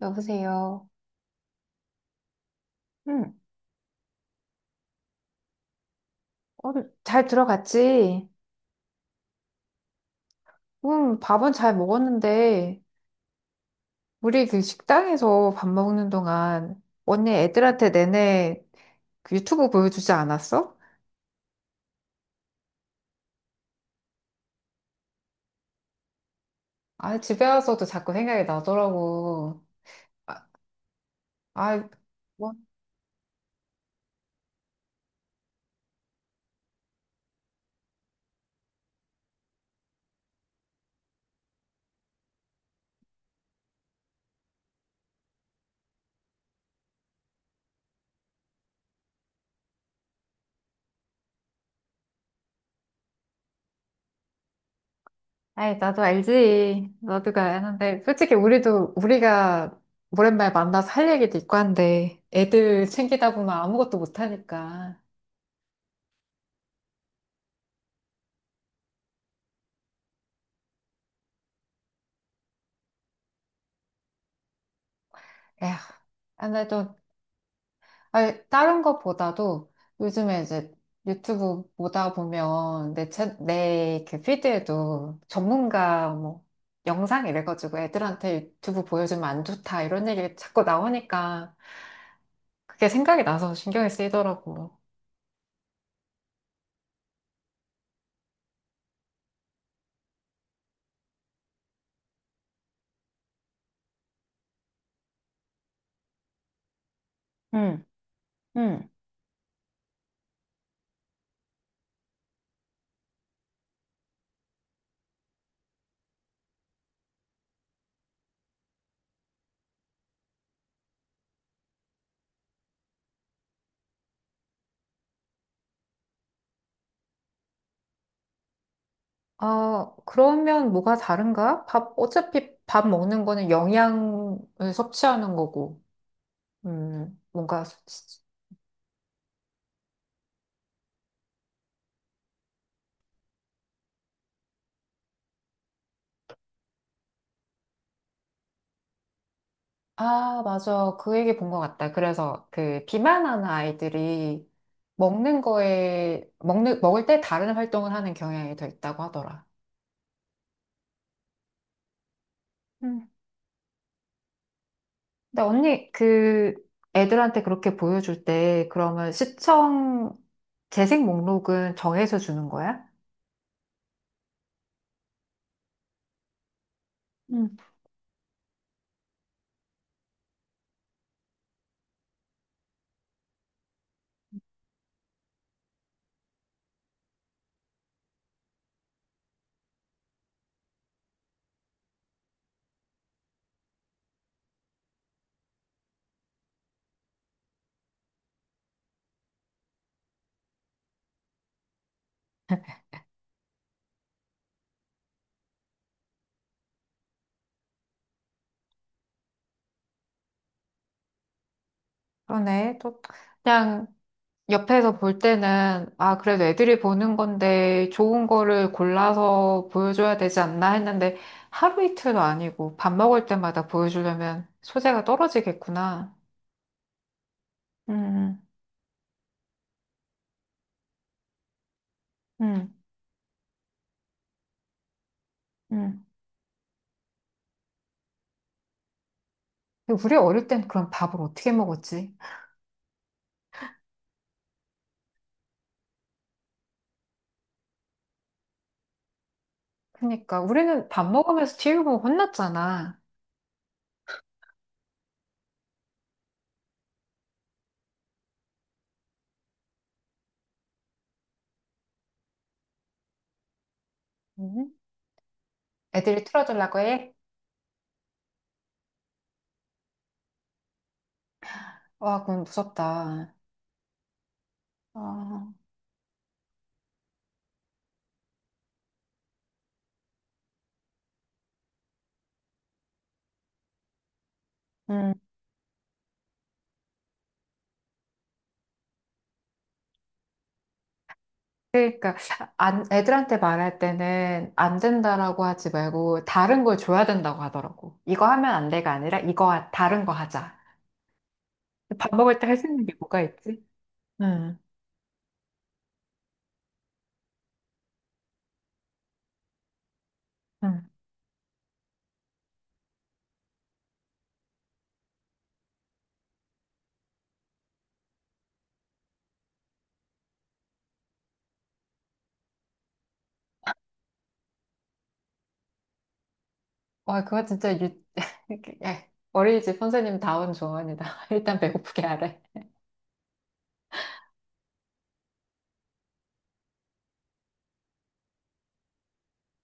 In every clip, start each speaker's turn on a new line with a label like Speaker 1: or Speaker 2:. Speaker 1: 여보세요. 응, 어, 잘 들어갔지? 응, 밥은 잘 먹었는데, 우리 그 식당에서 밥 먹는 동안 언니 애들한테 내내 그 유튜브 보여주지 않았어? 아, 집에 와서도 자꾸 생각이 나더라고. 아, 아, 뭐? 아이, 나도 알지. 나도 아는데. 솔직히 우리도, 우리가 오랜만에 만나서 할 얘기도 있고 한데, 애들 챙기다 보면 아무것도 못하니까. 에휴, 아, 나도 아니, 다른 것보다도 요즘에 이제 유튜브 보다 보면 내그 피드에도 전문가 뭐 영상 이래가지고 애들한테 유튜브 보여주면 안 좋다 이런 얘기 자꾸 나오니까 그게 생각이 나서 신경이 쓰이더라고. 응, 응. 아, 그러면 뭐가 다른가? 밥, 어차피 밥 먹는 거는 영양을 섭취하는 거고, 뭔가 아, 맞아. 그 얘기 본 것 같다. 그래서 그 비만하는 아이들이 먹는 거에, 먹는, 먹을 때 다른 활동을 하는 경향이 더 있다고 하더라. 음. 근데 언니, 그 애들한테 그렇게 보여줄 때 그러면 시청 재생 목록은 정해서 주는 거야? 음. 그러네. 또 그냥 옆에서 볼 때는, 아, 그래도 애들이 보는 건데 좋은 거를 골라서 보여줘야 되지 않나 했는데 하루 이틀도 아니고 밥 먹을 때마다 보여주려면 소재가 떨어지겠구나. 음, 음, 음. 우리 어릴 땐 그럼 밥을 어떻게 먹었지? 그러니까 우리는 밥 먹으면서 TV 보고 혼났잖아. 음. 애들이 틀어주려고 해? 와, 그건 무섭다. 아, 음. 그러니까 안, 애들한테 말할 때는 안 된다라고 하지 말고 다른 걸 줘야 된다고 하더라고. 이거 하면 안 돼가 아니라 다른 거 하자. 밥 먹을 때 할 수 있는 게 뭐가 있지? 응, 응. 와, 그거 진짜 유... 예, 어린이집 선생님 다운 조언이다. 일단 배고프게 하래.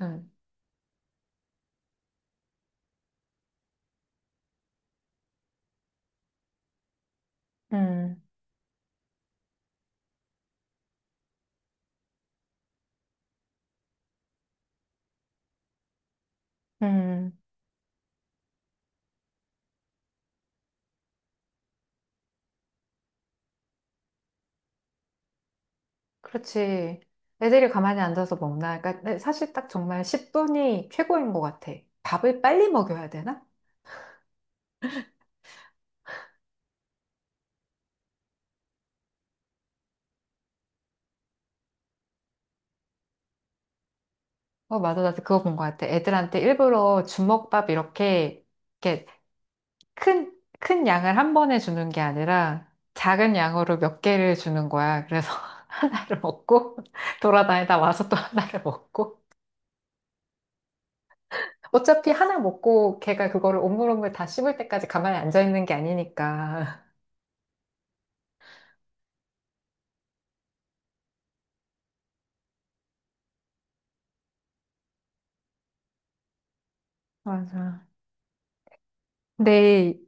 Speaker 1: 응, 응, 응. 그렇지. 애들이 가만히 앉아서 먹나? 그러니까 사실 딱 정말 10분이 최고인 것 같아. 밥을 빨리 먹여야 되나? 어, 맞아. 나도 그거 본 것 같아. 애들한테 일부러 주먹밥 이렇게, 이렇게 큰, 큰 양을 한 번에 주는 게 아니라 작은 양으로 몇 개를 주는 거야. 그래서 하나를 먹고 돌아다니다 와서 또 하나를 먹고. 어차피 하나 먹고 걔가 그거를 오물오물 다 씹을 때까지 가만히 앉아 있는 게 아니니까. 맞아. 근데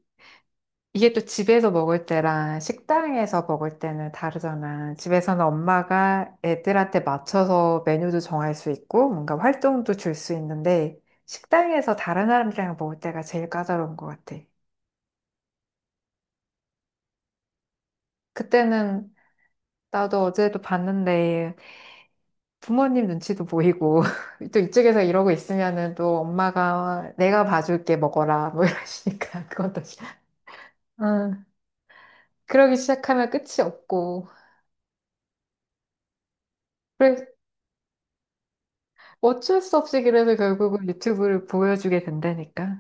Speaker 1: 이게 또 집에서 먹을 때랑 식당에서 먹을 때는 다르잖아. 집에서는 엄마가 애들한테 맞춰서 메뉴도 정할 수 있고, 뭔가 활동도 줄 수 있는데, 식당에서 다른 사람들이랑 먹을 때가 제일 까다로운 것 같아. 그때는 나도 어제도 봤는데, 부모님 눈치도 보이고, 또 이쪽에서 이러고 있으면은 또 엄마가 내가 봐줄게 먹어라, 뭐 이러시니까, 그것도. 응. 그러기 시작하면 끝이 없고. 그래 어쩔 수 없이 그래서 결국은 유튜브를 보여주게 된다니까.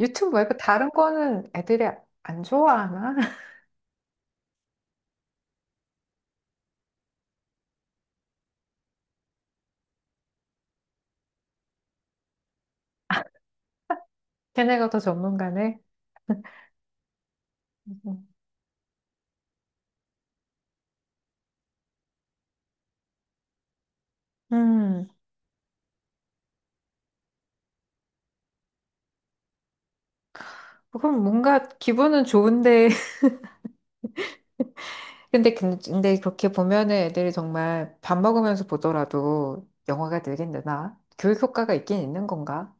Speaker 1: 유튜브 말고 다른 거는 애들이 안 좋아하나? 걔네가 더 전문가네. 음, 음, 그럼 뭔가 기분은 좋은데. 근데, 근데 그렇게 보면은 애들이 정말 밥 먹으면서 보더라도 영화가 늘긴 느나? 교육 효과가 있긴 있는 건가?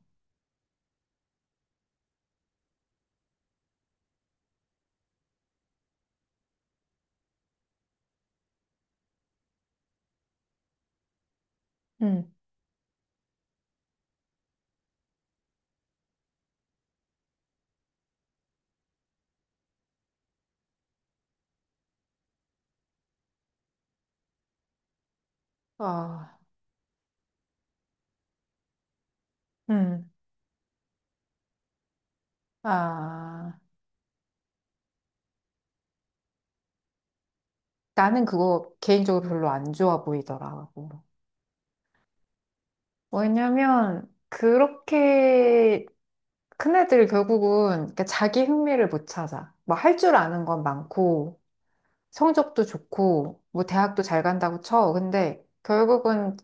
Speaker 1: 음, 아, 음, 아. 나는 그거 개인적으로 별로 안 좋아 보이더라고. 왜냐면 그렇게 큰애들 결국은 이렇게 자기 흥미를 못 찾아. 뭐 할 줄 아는 건 많고, 성적도 좋고, 뭐 대학도 잘 간다고 쳐. 근데 결국은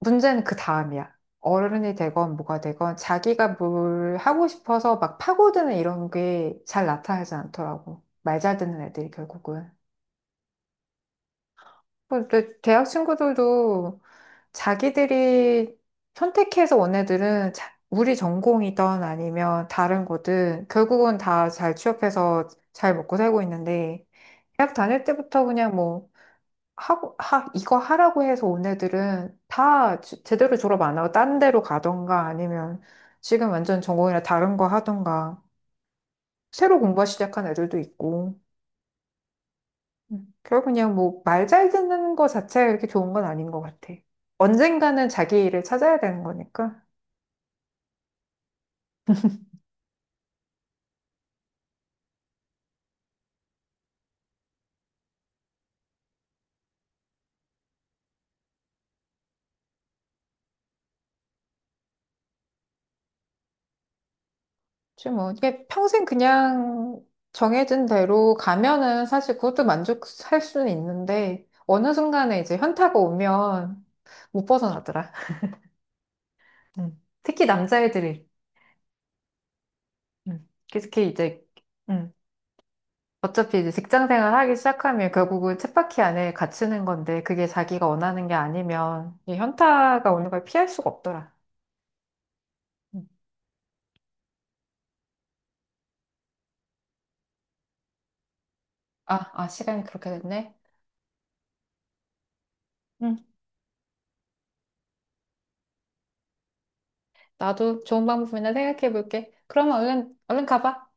Speaker 1: 문제는 그 다음이야. 어른이 되건 뭐가 되건 자기가 뭘 하고 싶어서 막 파고드는 이런 게 잘 나타나지 않더라고. 말 잘 듣는 애들이 결국은. 근데 대학 친구들도 자기들이 선택해서 온 애들은 우리 전공이든 아니면 다른 거든 결국은 다 잘 취업해서 잘 먹고 살고 있는데 대학 다닐 때부터 그냥 뭐 하고 하 이거 하라고 해서 온 애들은 다 제대로 졸업 안 하고 딴 데로 가던가 아니면 지금 완전 전공이나 다른 거 하던가 새로 공부 시작한 애들도 있고 결 그냥 뭐 말 잘 듣는 거 자체가 이렇게 좋은 건 아닌 것 같아. 언젠가는 자기 일을 찾아야 되는 거니까. 그치 뭐 이게 평생 그냥 정해진 대로 가면은 사실 그것도 만족할 수는 있는데 어느 순간에 이제 현타가 오면 못 벗어나더라. 음. 특히 남자애들이 특히 이제 음. 어차피 이제 직장 생활 하기 시작하면 결국은 쳇바퀴 안에 갇히는 건데 그게 자기가 원하는 게 아니면 이 현타가 오는 걸 피할 수가 없더라. 응. 아, 아, 시간이 그렇게 됐네. 응, 나도 좋은 방법이나 생각해 볼게. 그러면 얼른, 얼른 가봐.